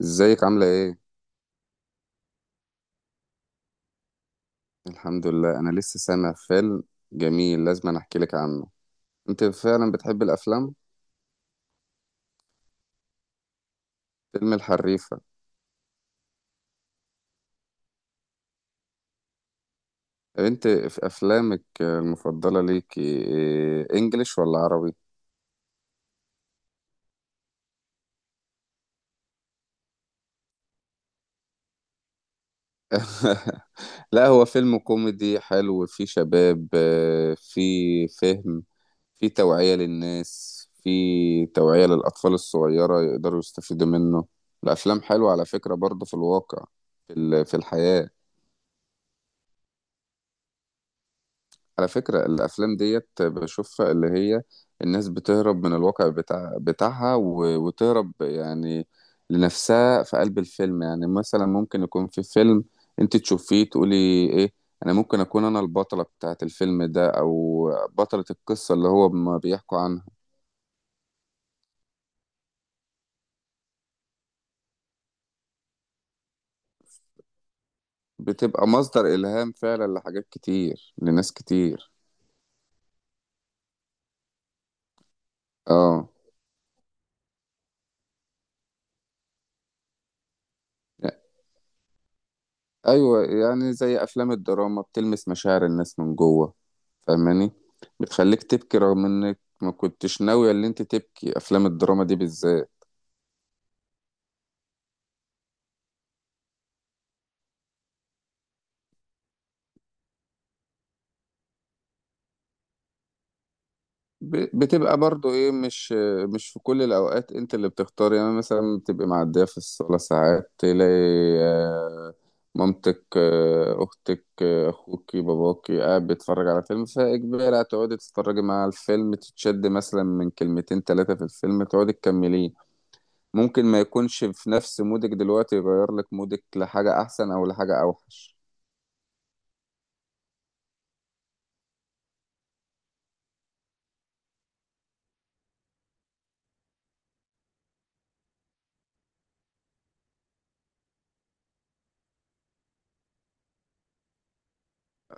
ازيك عاملة ايه؟ الحمد لله. انا لسه سامع فيلم جميل، لازم أنا احكي لك عنه. انت فعلا بتحب الافلام؟ فيلم الحريفة. طب انت في افلامك المفضلة ليك إيه، انجليش ولا عربي؟ لا، هو فيلم كوميدي حلو فيه شباب، فيه فهم، فيه توعية للناس، فيه توعية للأطفال الصغيرة يقدروا يستفيدوا منه. الأفلام حلوة على فكرة برضه في الواقع، في الحياة. على فكرة الأفلام ديت بشوفها اللي هي الناس بتهرب من الواقع بتاعها و- وتهرب يعني لنفسها في قلب الفيلم. يعني مثلا ممكن يكون في فيلم أنت تشوفيه تقولي إيه، أنا ممكن أكون أنا البطلة بتاعة الفيلم ده أو بطلة القصة اللي هو ما بيحكوا عنها. بتبقى مصدر إلهام فعلا لحاجات كتير لناس كتير. آه. أيوة، يعني زي أفلام الدراما بتلمس مشاعر الناس من جوه، فاهماني؟ بتخليك تبكي رغم انك ما كنتش ناوية اللي انت تبكي، افلام الدراما دي بالذات. بتبقى برضو ايه، مش في كل الاوقات انت اللي بتختار. يعني مثلا بتبقى معدية في الصالة، ساعات تلاقي مامتك، اختك، اخوكي باباكي قاعد بيتفرج على فيلم، فاجباري هتقعدي تتفرجي مع الفيلم، تتشد مثلا من كلمتين ثلاثة في الفيلم تقعدي تكمليه. ممكن ما يكونش في نفس مودك دلوقتي، يغير لك مودك لحاجة احسن او لحاجة اوحش.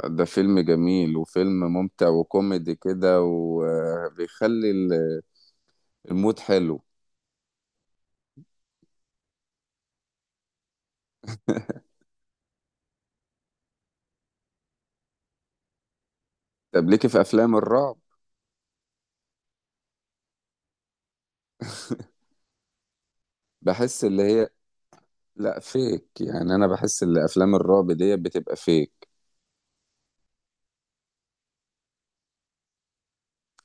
ده فيلم جميل وفيلم ممتع وكوميدي كده، وبيخلي المود حلو. طب ليكي في افلام الرعب؟ بحس اللي هي لا فيك، يعني انا بحس ان افلام الرعب دي بتبقى فيك.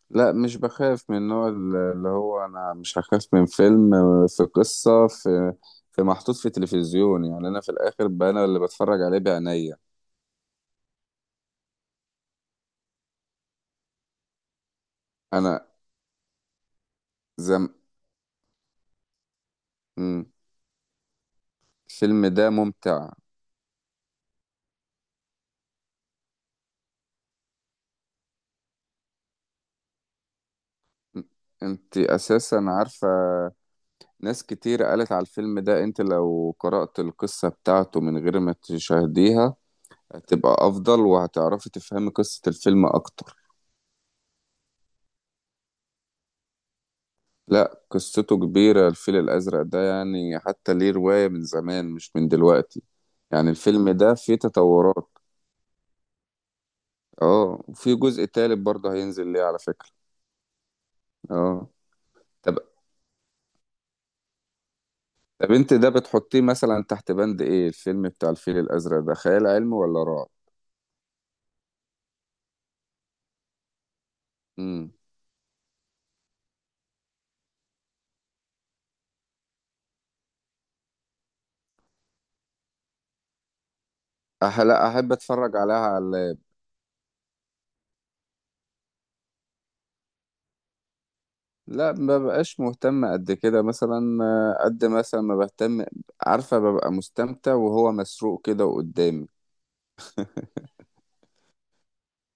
لا مش بخاف من النوع اللي هو، انا مش هخاف من فيلم في قصة، في محطوط في تلفزيون. يعني انا في الاخر بقى انا اللي بتفرج عليه بعينيا. انا. زم مم. الفيلم ده ممتع. انت اساسا عارفة، ناس كتير قالت على الفيلم ده انت لو قرأت القصة بتاعته من غير ما تشاهديها هتبقى افضل، وهتعرفي تفهمي قصة الفيلم اكتر. لا قصته كبيرة، الفيل الازرق ده يعني حتى ليه رواية من زمان مش من دلوقتي. يعني الفيلم ده فيه تطورات. اه، وفي جزء تالت برضه هينزل ليه على فكرة. اه. طب طب انت ده بتحطيه مثلا تحت بند ايه، الفيلم بتاع الفيل الازرق ده خيال علمي ولا رعب؟ امم لا، احب اتفرج عليها على، لا ما ببقاش مهتم قد كده. مثلا قد مثلا ما بهتم، عارفة، ببقى مستمتع وهو مسروق كده قدامي.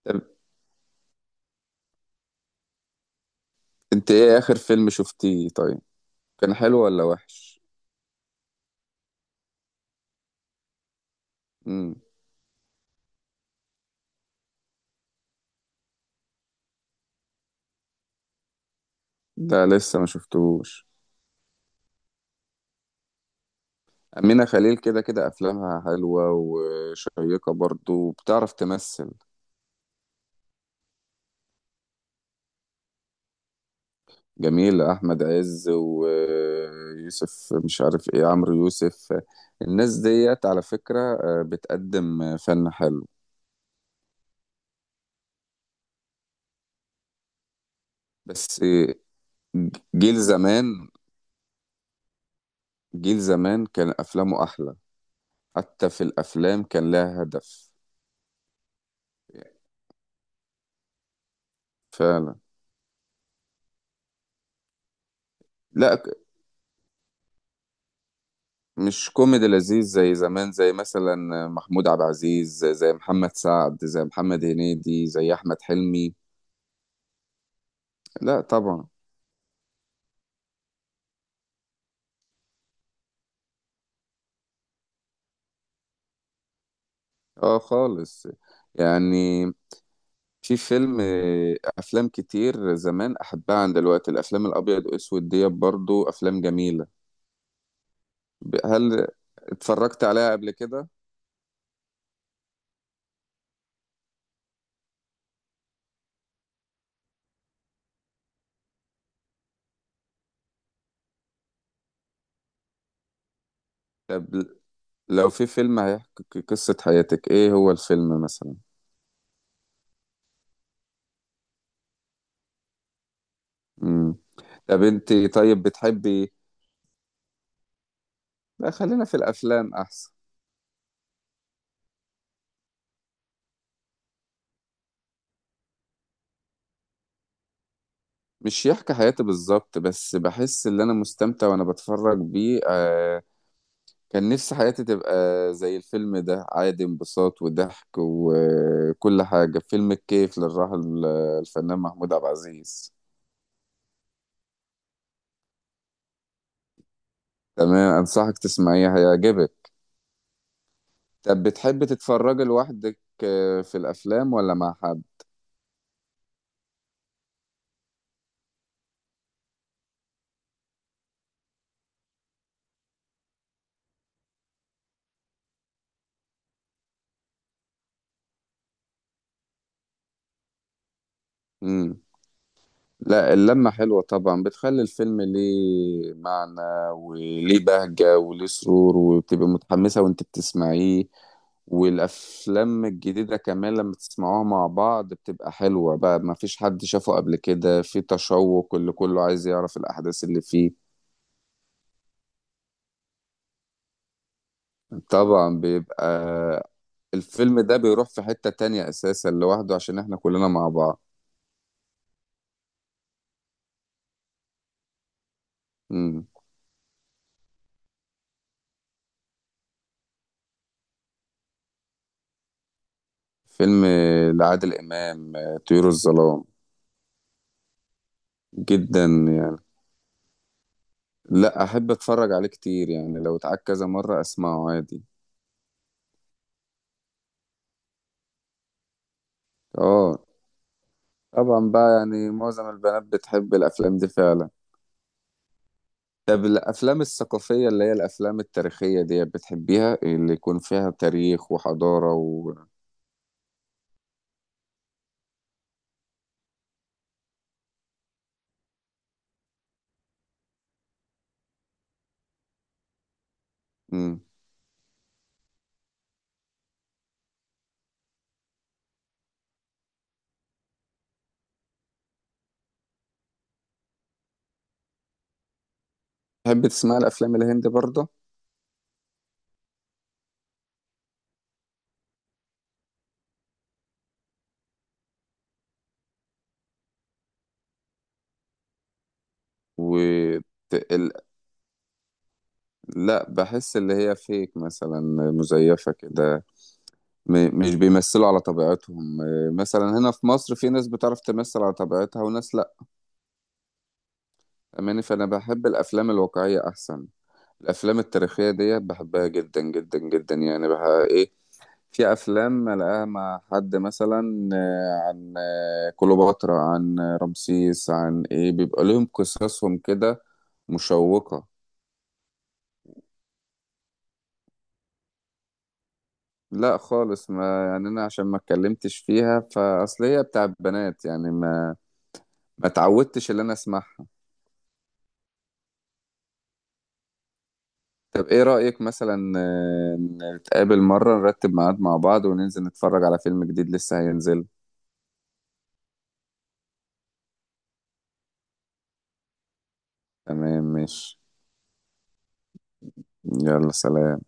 طب انت ايه اخر فيلم شفتيه؟ طيب كان حلو ولا وحش؟ امم ده لسه ما شفتهوش. أمينة خليل كده كده أفلامها حلوة وشيقة، برضو بتعرف تمثل. جميلة. أحمد عز ويوسف مش عارف إيه، عمرو يوسف. الناس ديت على فكرة بتقدم فن حلو. بس جيل زمان جيل زمان كان أفلامه أحلى. حتى في الأفلام كان لها هدف. فعلا. لا مش كوميدي لذيذ زي زمان، زي مثلا محمود عبد العزيز، زي محمد سعد، زي محمد هنيدي، زي أحمد حلمي. لا طبعا. اه خالص. يعني في فيلم، أفلام كتير زمان أحبها عن دلوقتي. الأفلام الأبيض وأسود ديت برضو أفلام جميلة. هل اتفرجت عليها قبل كده؟ طب لو في فيلم هيحكي قصة حياتك، ايه هو الفيلم مثلا؟ امم. طب انت طيب بتحبي إيه؟ لا خلينا في الافلام احسن. مش يحكي حياتي بالظبط، بس بحس ان انا مستمتع وانا بتفرج بيه آه. كان نفسي حياتي تبقى زي الفيلم ده، عادي انبساط وضحك وكل حاجة. فيلم الكيف للراحل الفنان محمود عبد العزيز. تمام انصحك تسمعيه، هيعجبك. طب بتحبي تتفرجي لوحدك في الافلام ولا مع حد؟ امم. لا اللمة حلوة طبعا، بتخلي الفيلم ليه معنى وليه بهجة وليه سرور، وبتبقى متحمسة وانت بتسمعيه. والأفلام الجديدة كمان لما تسمعوها مع بعض بتبقى حلوة، بقى ما فيش حد شافه قبل كده، في تشوق اللي كله عايز يعرف الأحداث اللي فيه. طبعا بيبقى الفيلم ده بيروح في حتة تانية أساسا لوحده عشان احنا كلنا مع بعض. مم. فيلم لعادل إمام، طيور الظلام. جدا. لا احب اتفرج عليه كتير، يعني لو اتعاد كذا مرة اسمعه عادي. اه طبعا بقى، يعني معظم البنات بتحب الافلام دي فعلا. طب الافلام الثقافية اللي هي الافلام التاريخية دي بتحبيها؟ اللي يكون فيها تاريخ وحضارة و... مم. تحب تسمع الافلام الهندي برضه؟ و ت- ال... لا، بحس اللي هي فيك مثلا، مزيفة كده. م... مش بيمثلوا على طبيعتهم. مثلا هنا في مصر في ناس بتعرف تمثل على طبيعتها وناس لا. أماني، فأنا بحب الأفلام الواقعية أحسن. الأفلام التاريخية دي بحبها جدا جدا جدا، يعني بها إيه. في أفلام ألاقيها مع حد مثلا عن كليوباترا، عن رمسيس، عن إيه، بيبقى لهم قصصهم كده مشوقة. لا خالص، ما يعني أنا عشان ما اتكلمتش فيها فأصل هي بتاع البنات، يعني ما اتعودتش اللي أنا أسمعها. طب إيه رأيك، مثلا نتقابل مرة نرتب ميعاد مع بعض وننزل نتفرج على فيلم جديد لسه هينزل. تمام ماشي. يلا سلام.